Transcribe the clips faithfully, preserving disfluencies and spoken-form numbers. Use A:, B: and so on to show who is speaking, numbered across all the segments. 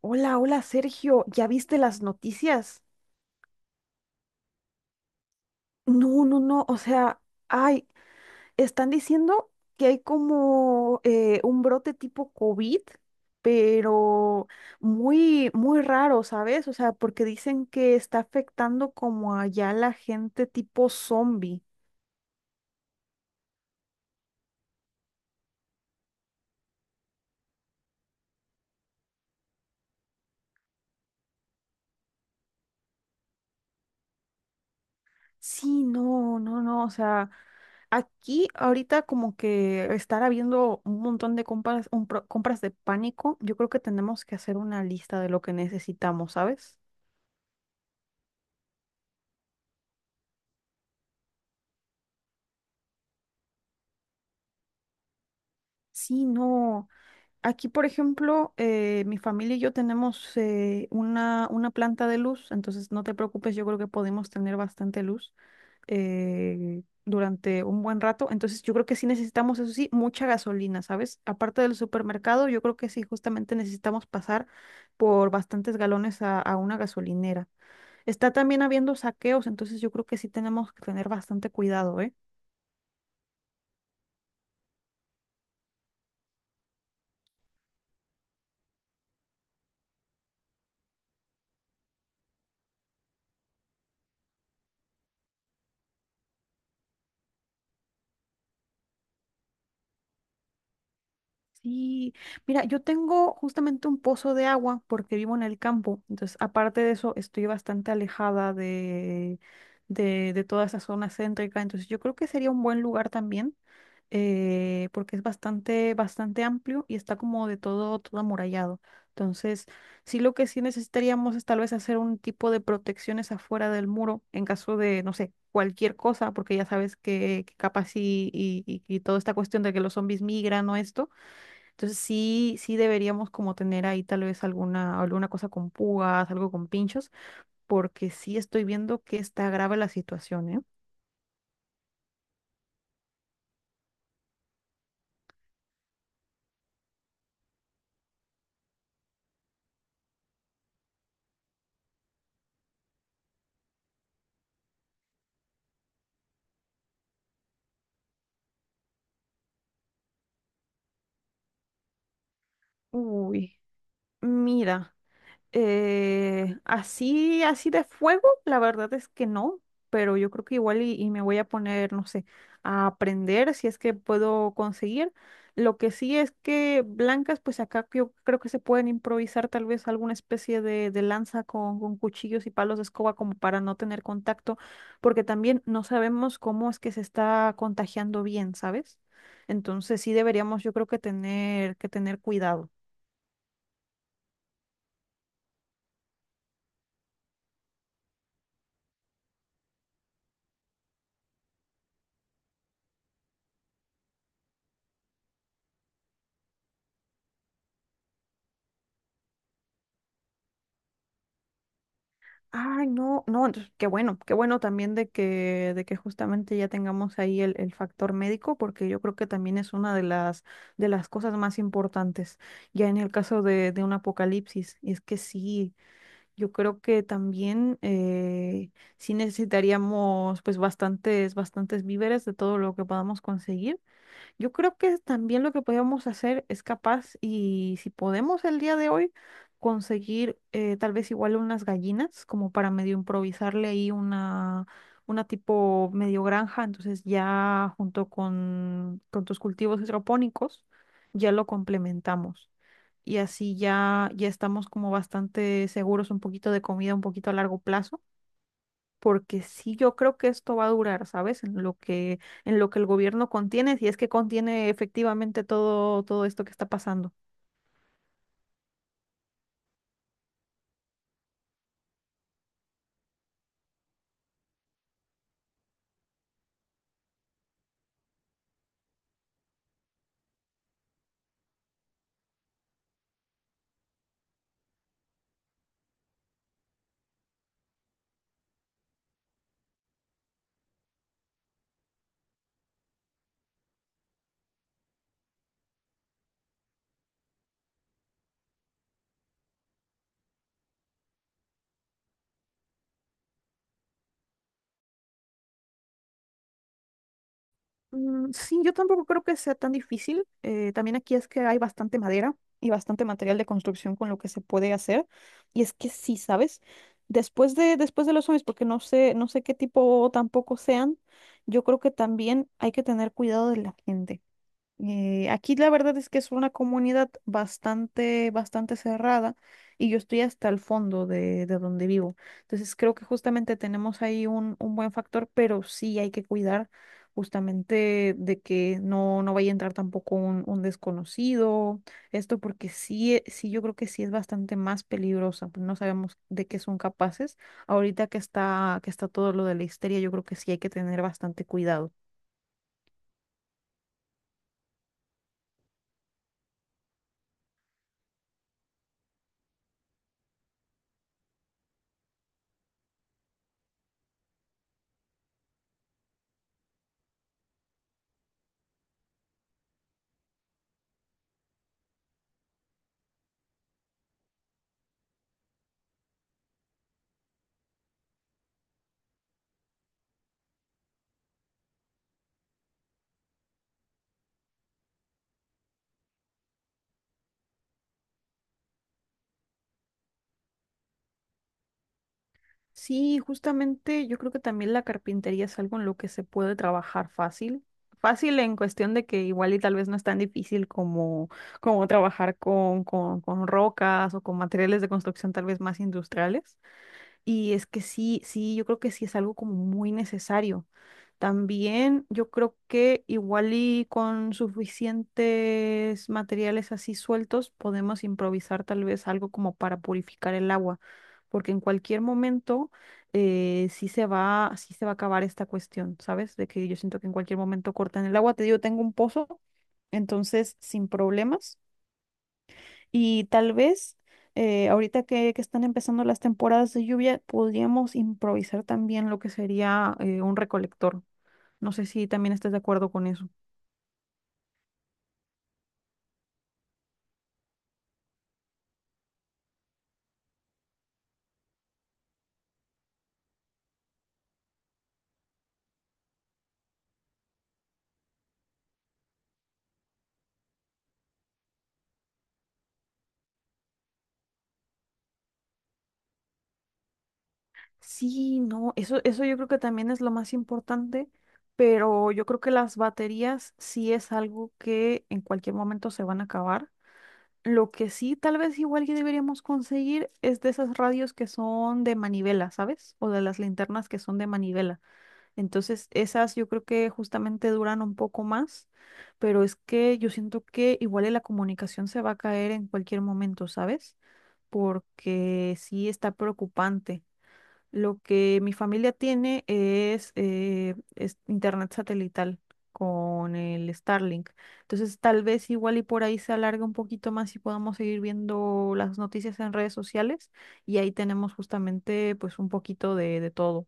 A: Hola, hola Sergio, ¿ya viste las noticias? No, no, no, o sea, ay, están diciendo que hay como eh, un brote tipo COVID, pero muy, muy raro, ¿sabes? O sea, porque dicen que está afectando como allá la gente tipo zombie. Sí, no, no, no, o sea, aquí ahorita como que estar habiendo un montón de compras, un pro- compras de pánico, yo creo que tenemos que hacer una lista de lo que necesitamos, ¿sabes? Sí, no. Aquí, por ejemplo, eh, mi familia y yo tenemos eh, una, una planta de luz, entonces no te preocupes, yo creo que podemos tener bastante luz eh, durante un buen rato. Entonces yo creo que sí necesitamos, eso sí, mucha gasolina, ¿sabes? Aparte del supermercado, yo creo que sí, justamente necesitamos pasar por bastantes galones a, a una gasolinera. Está también habiendo saqueos, entonces yo creo que sí tenemos que tener bastante cuidado, ¿eh? Sí, mira, yo tengo justamente un pozo de agua porque vivo en el campo, entonces aparte de eso estoy bastante alejada de, de, de toda esa zona céntrica, entonces yo creo que sería un buen lugar también eh, porque es bastante, bastante amplio y está como de todo, todo amurallado. Entonces, sí lo que sí necesitaríamos es tal vez hacer un tipo de protecciones afuera del muro en caso de, no sé, cualquier cosa, porque ya sabes que, que capaz y, y, y y toda esta cuestión de que los zombies migran o esto. Entonces sí, sí deberíamos como tener ahí tal vez alguna, alguna cosa con púas, algo con pinchos, porque sí estoy viendo que está grave la situación, ¿eh? Uy, mira. Eh, así, así de fuego, la verdad es que no, pero yo creo que igual y, y me voy a poner, no sé, a aprender si es que puedo conseguir. Lo que sí es que blancas, pues acá yo creo que se pueden improvisar tal vez alguna especie de, de lanza con, con cuchillos y palos de escoba como para no tener contacto, porque también no sabemos cómo es que se está contagiando bien, ¿sabes? Entonces sí deberíamos, yo creo que tener, que tener cuidado. Ay, no, no, entonces, qué bueno, qué bueno también de que, de que justamente ya tengamos ahí el, el factor médico, porque yo creo que también es una de las, de las cosas más importantes, ya en el caso de, de un apocalipsis. Y es que sí, yo creo que también eh, sí necesitaríamos pues bastantes, bastantes víveres de todo lo que podamos conseguir. Yo creo que también lo que podemos hacer es capaz, y si podemos el día de hoy, conseguir eh, tal vez igual unas gallinas, como para medio improvisarle ahí una, una tipo medio granja, entonces ya junto con, con tus cultivos hidropónicos, ya lo complementamos. Y así ya, ya estamos como bastante seguros un poquito de comida, un poquito a largo plazo porque sí yo creo que esto va a durar, ¿sabes? En lo que, en lo que el gobierno contiene, si es que contiene efectivamente todo, todo esto que está pasando. Mm, sí, yo tampoco creo que sea tan difícil. Eh, también aquí es que hay bastante madera y bastante material de construcción con lo que se puede hacer. Y es que sí, ¿sabes? Después de, después de los zombies, porque no sé, no sé qué tipo tampoco sean, yo creo que también hay que tener cuidado de la gente. Eh, aquí la verdad es que es una comunidad bastante, bastante cerrada y yo estoy hasta el fondo de, de donde vivo. Entonces creo que justamente tenemos ahí un, un buen factor, pero sí hay que cuidar justamente de que no, no vaya a entrar tampoco un, un desconocido, esto porque sí, e- sí yo creo que sí es bastante más peligrosa, pues no sabemos de qué son capaces. Ahorita que está, que está todo lo de la histeria, yo creo que sí hay que tener bastante cuidado. Sí, justamente yo creo que también la carpintería es algo en lo que se puede trabajar fácil. Fácil en cuestión de que igual y tal vez no es tan difícil como, como trabajar con, con, con rocas o con materiales de construcción tal vez más industriales. Y es que sí, sí, yo creo que sí es algo como muy necesario. También yo creo que igual y con suficientes materiales así sueltos podemos improvisar tal vez algo como para purificar el agua, porque en cualquier momento eh, sí se va, sí se va a acabar esta cuestión, ¿sabes? De que yo siento que en cualquier momento cortan el agua. Te digo, tengo un pozo, entonces sin problemas. Y tal vez eh, ahorita que, que están empezando las temporadas de lluvia, podríamos improvisar también lo que sería eh, un recolector. No sé si también estás de acuerdo con eso. Sí, no, eso, eso yo creo que también es lo más importante, pero yo creo que las baterías sí es algo que en cualquier momento se van a acabar. Lo que sí, tal vez igual que deberíamos conseguir es de esas radios que son de manivela, ¿sabes? O de las linternas que son de manivela. Entonces, esas yo creo que justamente duran un poco más, pero es que yo siento que igual y la comunicación se va a caer en cualquier momento, ¿sabes? Porque sí está preocupante. Lo que mi familia tiene es, eh, es internet satelital con el Starlink. Entonces, tal vez igual y por ahí se alargue un poquito más y podamos seguir viendo las noticias en redes sociales y ahí tenemos justamente pues un poquito de, de todo.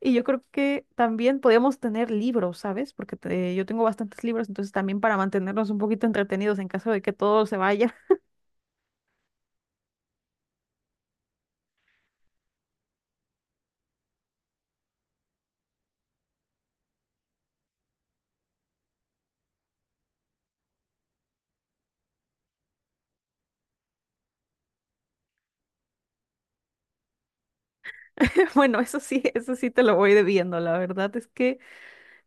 A: Y yo creo que también podríamos tener libros, ¿sabes? Porque te- yo tengo bastantes libros, entonces también para mantenernos un poquito entretenidos en caso de que todo se vaya. Bueno, eso sí, eso sí te lo voy debiendo. La verdad es que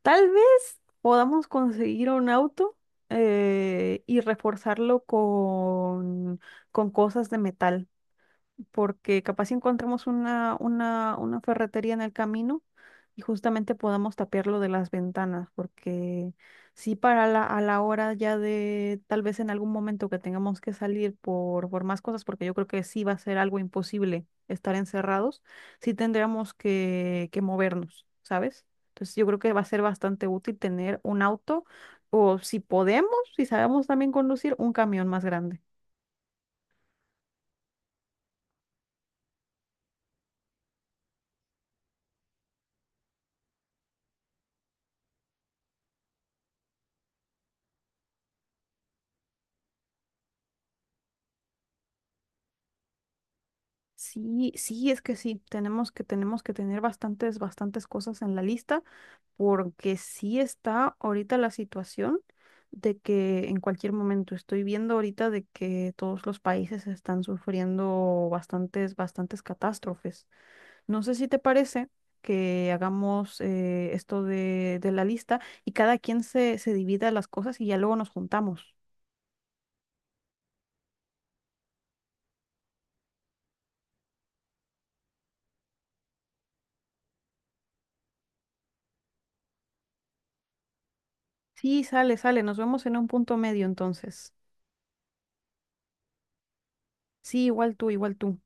A: tal vez podamos conseguir un auto eh, y reforzarlo con, con cosas de metal porque capaz si encontramos una, una, una ferretería en el camino y justamente podamos tapiarlo de las ventanas, porque sí para la, a la hora ya de tal vez en algún momento que tengamos que salir por, por más cosas, porque yo creo que sí va a ser algo imposible estar encerrados, sí tendríamos que, que movernos, ¿sabes? Entonces yo creo que va a ser bastante útil tener un auto o si podemos, si sabemos también conducir, un camión más grande. Sí, sí, es que sí, tenemos que, tenemos que tener bastantes, bastantes cosas en la lista, porque sí está ahorita la situación de que en cualquier momento estoy viendo ahorita de que todos los países están sufriendo bastantes, bastantes catástrofes. No sé si te parece que hagamos eh, esto de, de la lista y cada quien se, se divida las cosas y ya luego nos juntamos. Sí, sale, sale, nos vemos en un punto medio entonces. Sí, igual tú, igual tú.